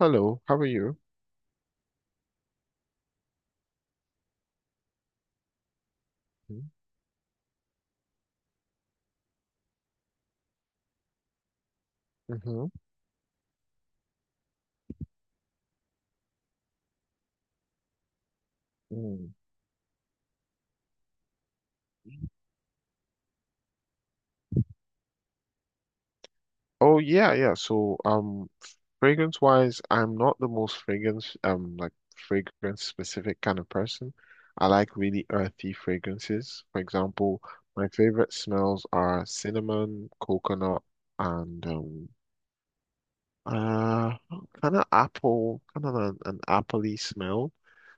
Hello, how are you? Mm-hmm. Mm. Oh yeah, yeah. So fragrance wise, I'm not the most fragrance specific kind of person. I like really earthy fragrances. For example, my favorite smells are cinnamon, coconut, and uh kind of apple, kind of an appley smell.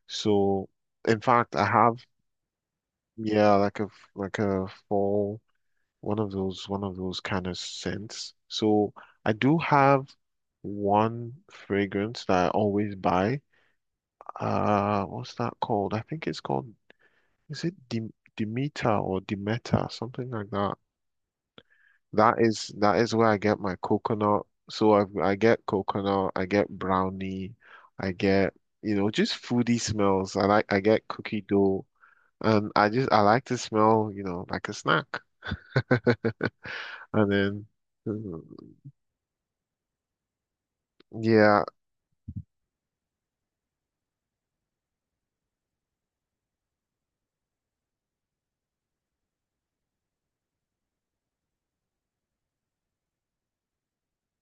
So in fact, I have. Yeah, like a fall, one of those kind of scents. So I do have one fragrance that I always buy. What's that called? I think it's called, is it Dim Demeter or Demeter, something like that. That is where I get my coconut. So I get coconut, I get brownie, I get, just foodie smells. I get cookie dough and I like to smell like a snack. And then, mm, yeah.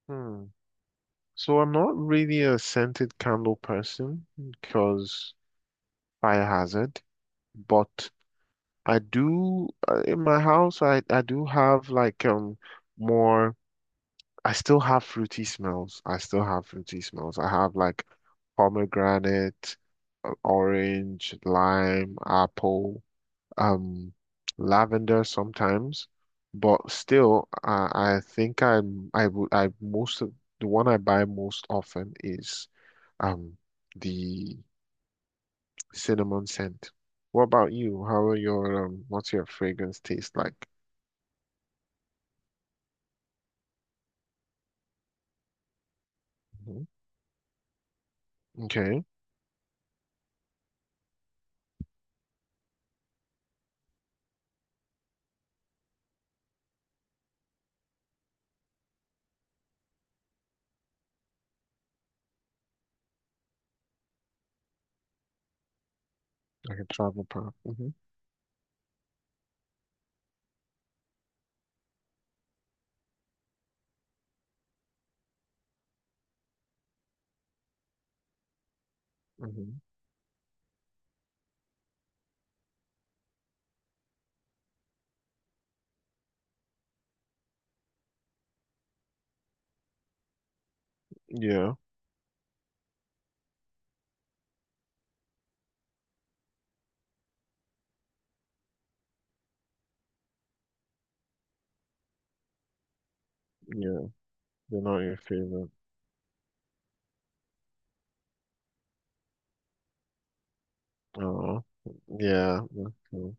Hmm. So I'm not really a scented candle person because fire hazard, but I do in my house, I do have like more I still have fruity smells. I have like pomegranate, orange, lime, apple, um lavender sometimes, but still, I think I'm I would I most of the one I buy most often is um the cinnamon scent. What about you? How are your What's your fragrance taste like? Mhm. Okay, like a travel pack. Hmm. Hmm. Yeah, yeah, they're not your favorite. Oh, yeah, that's cool.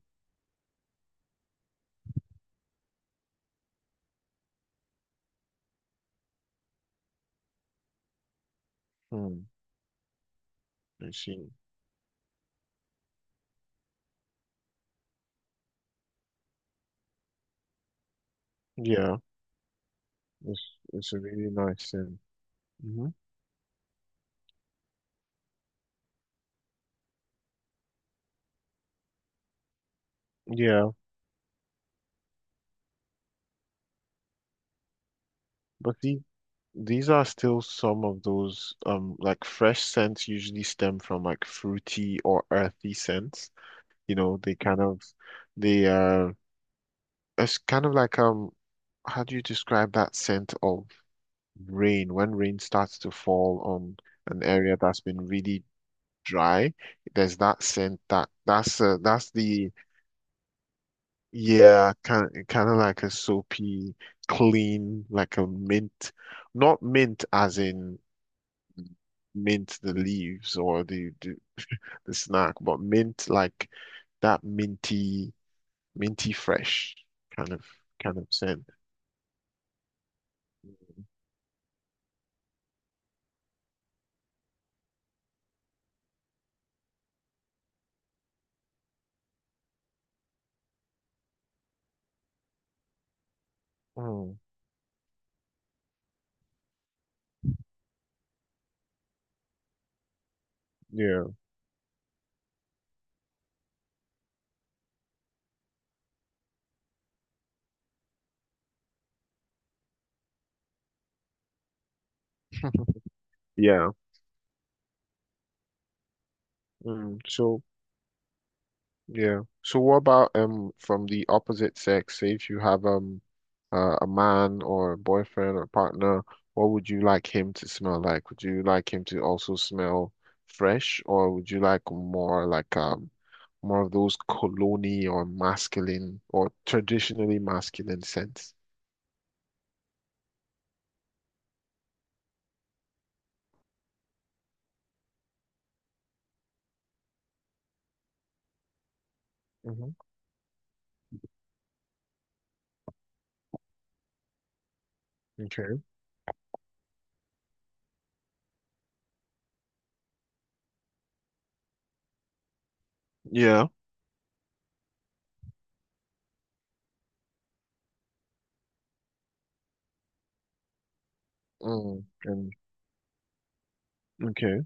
Hmm, I see. Yeah, it's a really nice scent. Hmm. Yeah. But these are still some of those like fresh scents usually stem from like fruity or earthy scents. You know, they kind of they it's kind of like how do you describe that scent of rain when rain starts to fall on an area that's been really dry? There's that scent that that's the yeah, kind of like a soapy clean, like a mint, not mint as in mint the leaves, or the snack, but mint like that minty fresh kind of kind of scent. Mm, yeah, yeah. Mm. So yeah. So what about from the opposite sex? Say if you have a man, or a boyfriend or partner, what would you like him to smell like? Would you like him to also smell fresh, or would you like more of those cologne or masculine or traditionally masculine scents? Hmm. Okay. Yeah. Mm. And okay.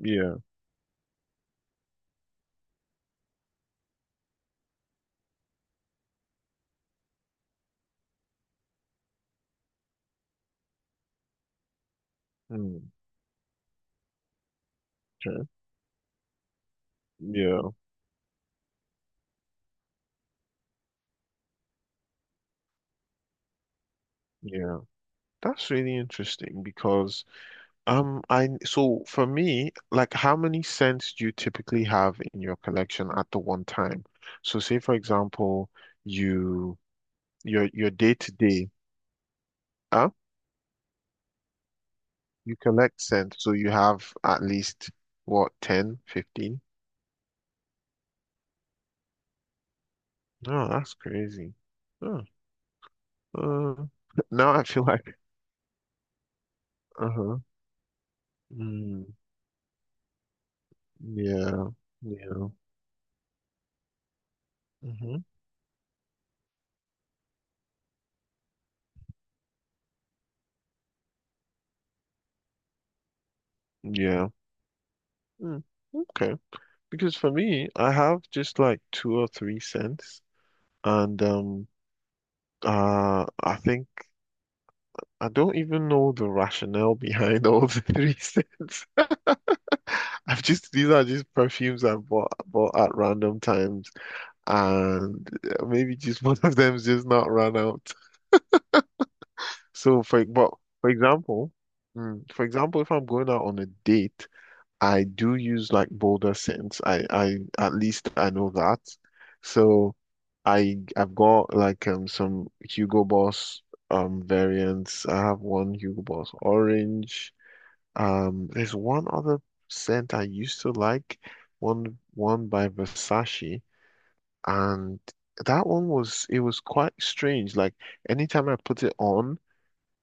Yeah. Mm. Okay. Yeah. Yeah. That's really interesting because I so for me, like how many cents do you typically have in your collection at the one time? So say for example, you your day to day. You collect cents, so you have at least what, 10, 15? No, that's crazy. Huh. Uh, Now I feel like, uh-huh. Mm, yeah, yeah, hmm, yeah. Mm, okay. Because for me, I have just like two or three cents, and I think I don't even know the rationale behind all the three cents. I've just These are just perfumes I bought at random times, and maybe just one of them's just not run out. So for but for example, mm, for example, if I'm going out on a date, I do use like bolder scents. I at least I know that. So I've got like some Hugo Boss variants. I have one Hugo Boss orange. There's one other scent I used to like, one by Versace. And that one was, it was quite strange. Like anytime I put it on,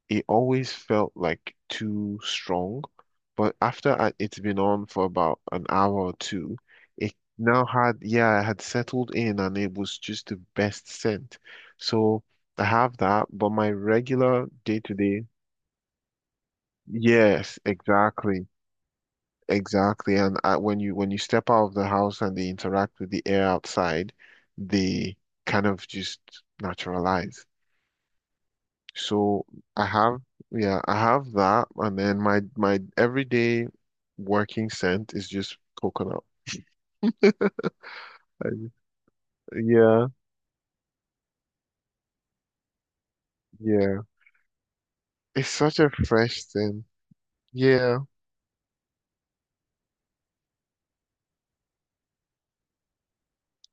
it always felt like too strong. But after it's been on for about an hour or two, yeah, it had settled in, and it was just the best scent. So I have that, but my regular day to day, yes, exactly. Exactly, and when you step out of the house and they interact with the air outside, they kind of just naturalize. So I have, yeah, I have that, and then my everyday working scent is just coconut. I just- yeah, yeah, it's such a fresh scent. Yeah,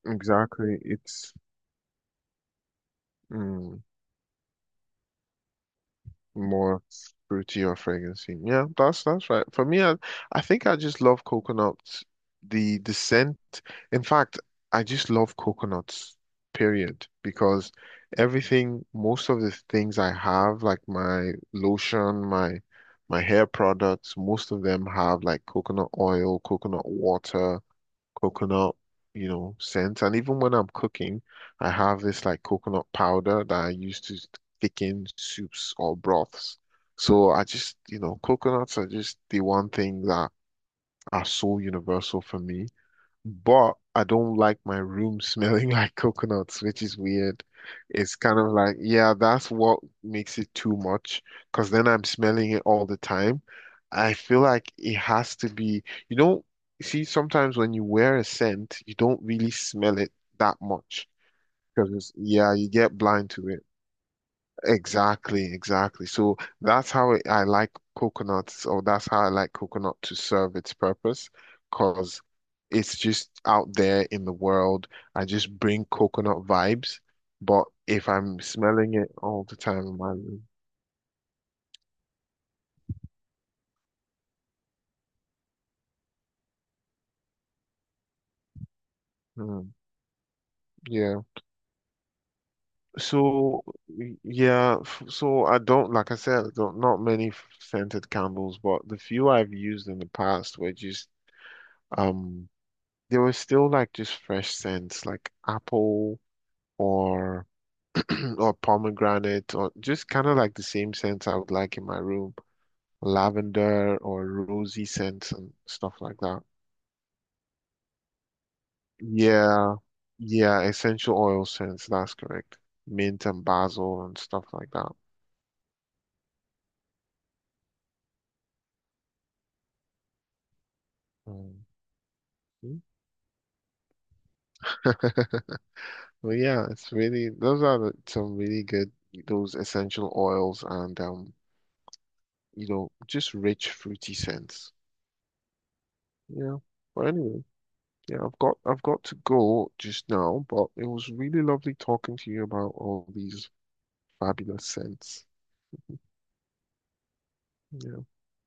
exactly. It's. Mm. More fruity or fragrancy. Yeah, that's right. For me, I think I just love coconuts. The scent. In fact, I just love coconuts, period, because everything, most of the things I have, like my lotion, my hair products, most of them have like coconut oil, coconut water, coconut, scent. And even when I'm cooking, I have this like coconut powder that I use to thicken soups or broths. So I just, coconuts are just the one thing that are so universal for me. But I don't like my room smelling like coconuts, which is weird. It's kind of like, yeah, that's what makes it too much, because then I'm smelling it all the time. I feel like it has to be, you know, see, sometimes when you wear a scent, you don't really smell it that much because yeah, you get blind to it. Exactly, exactly. So I like coconuts, or that's how I like coconut to serve its purpose, because it's just out there in the world. I just bring coconut vibes, but if I'm smelling it all the time in my room, mm, yeah. So yeah, so I don't, like I said, I don't, not many scented candles, but the few I've used in the past were just um. There were still like just fresh scents, like apple or or pomegranate, or just kind of like the same scents I would like in my room, lavender or rosy scents and stuff like that. Yeah, yeah, essential oil scents, that's correct. Mint and basil and stuff like that. Mm. Well, yeah, it's really those are the, some really good. Those essential oils and just rich fruity scents. Yeah. But anyway. Yeah, I've got to go just now, but it was really lovely talking to you about all these fabulous scents. Yeah,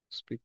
speak.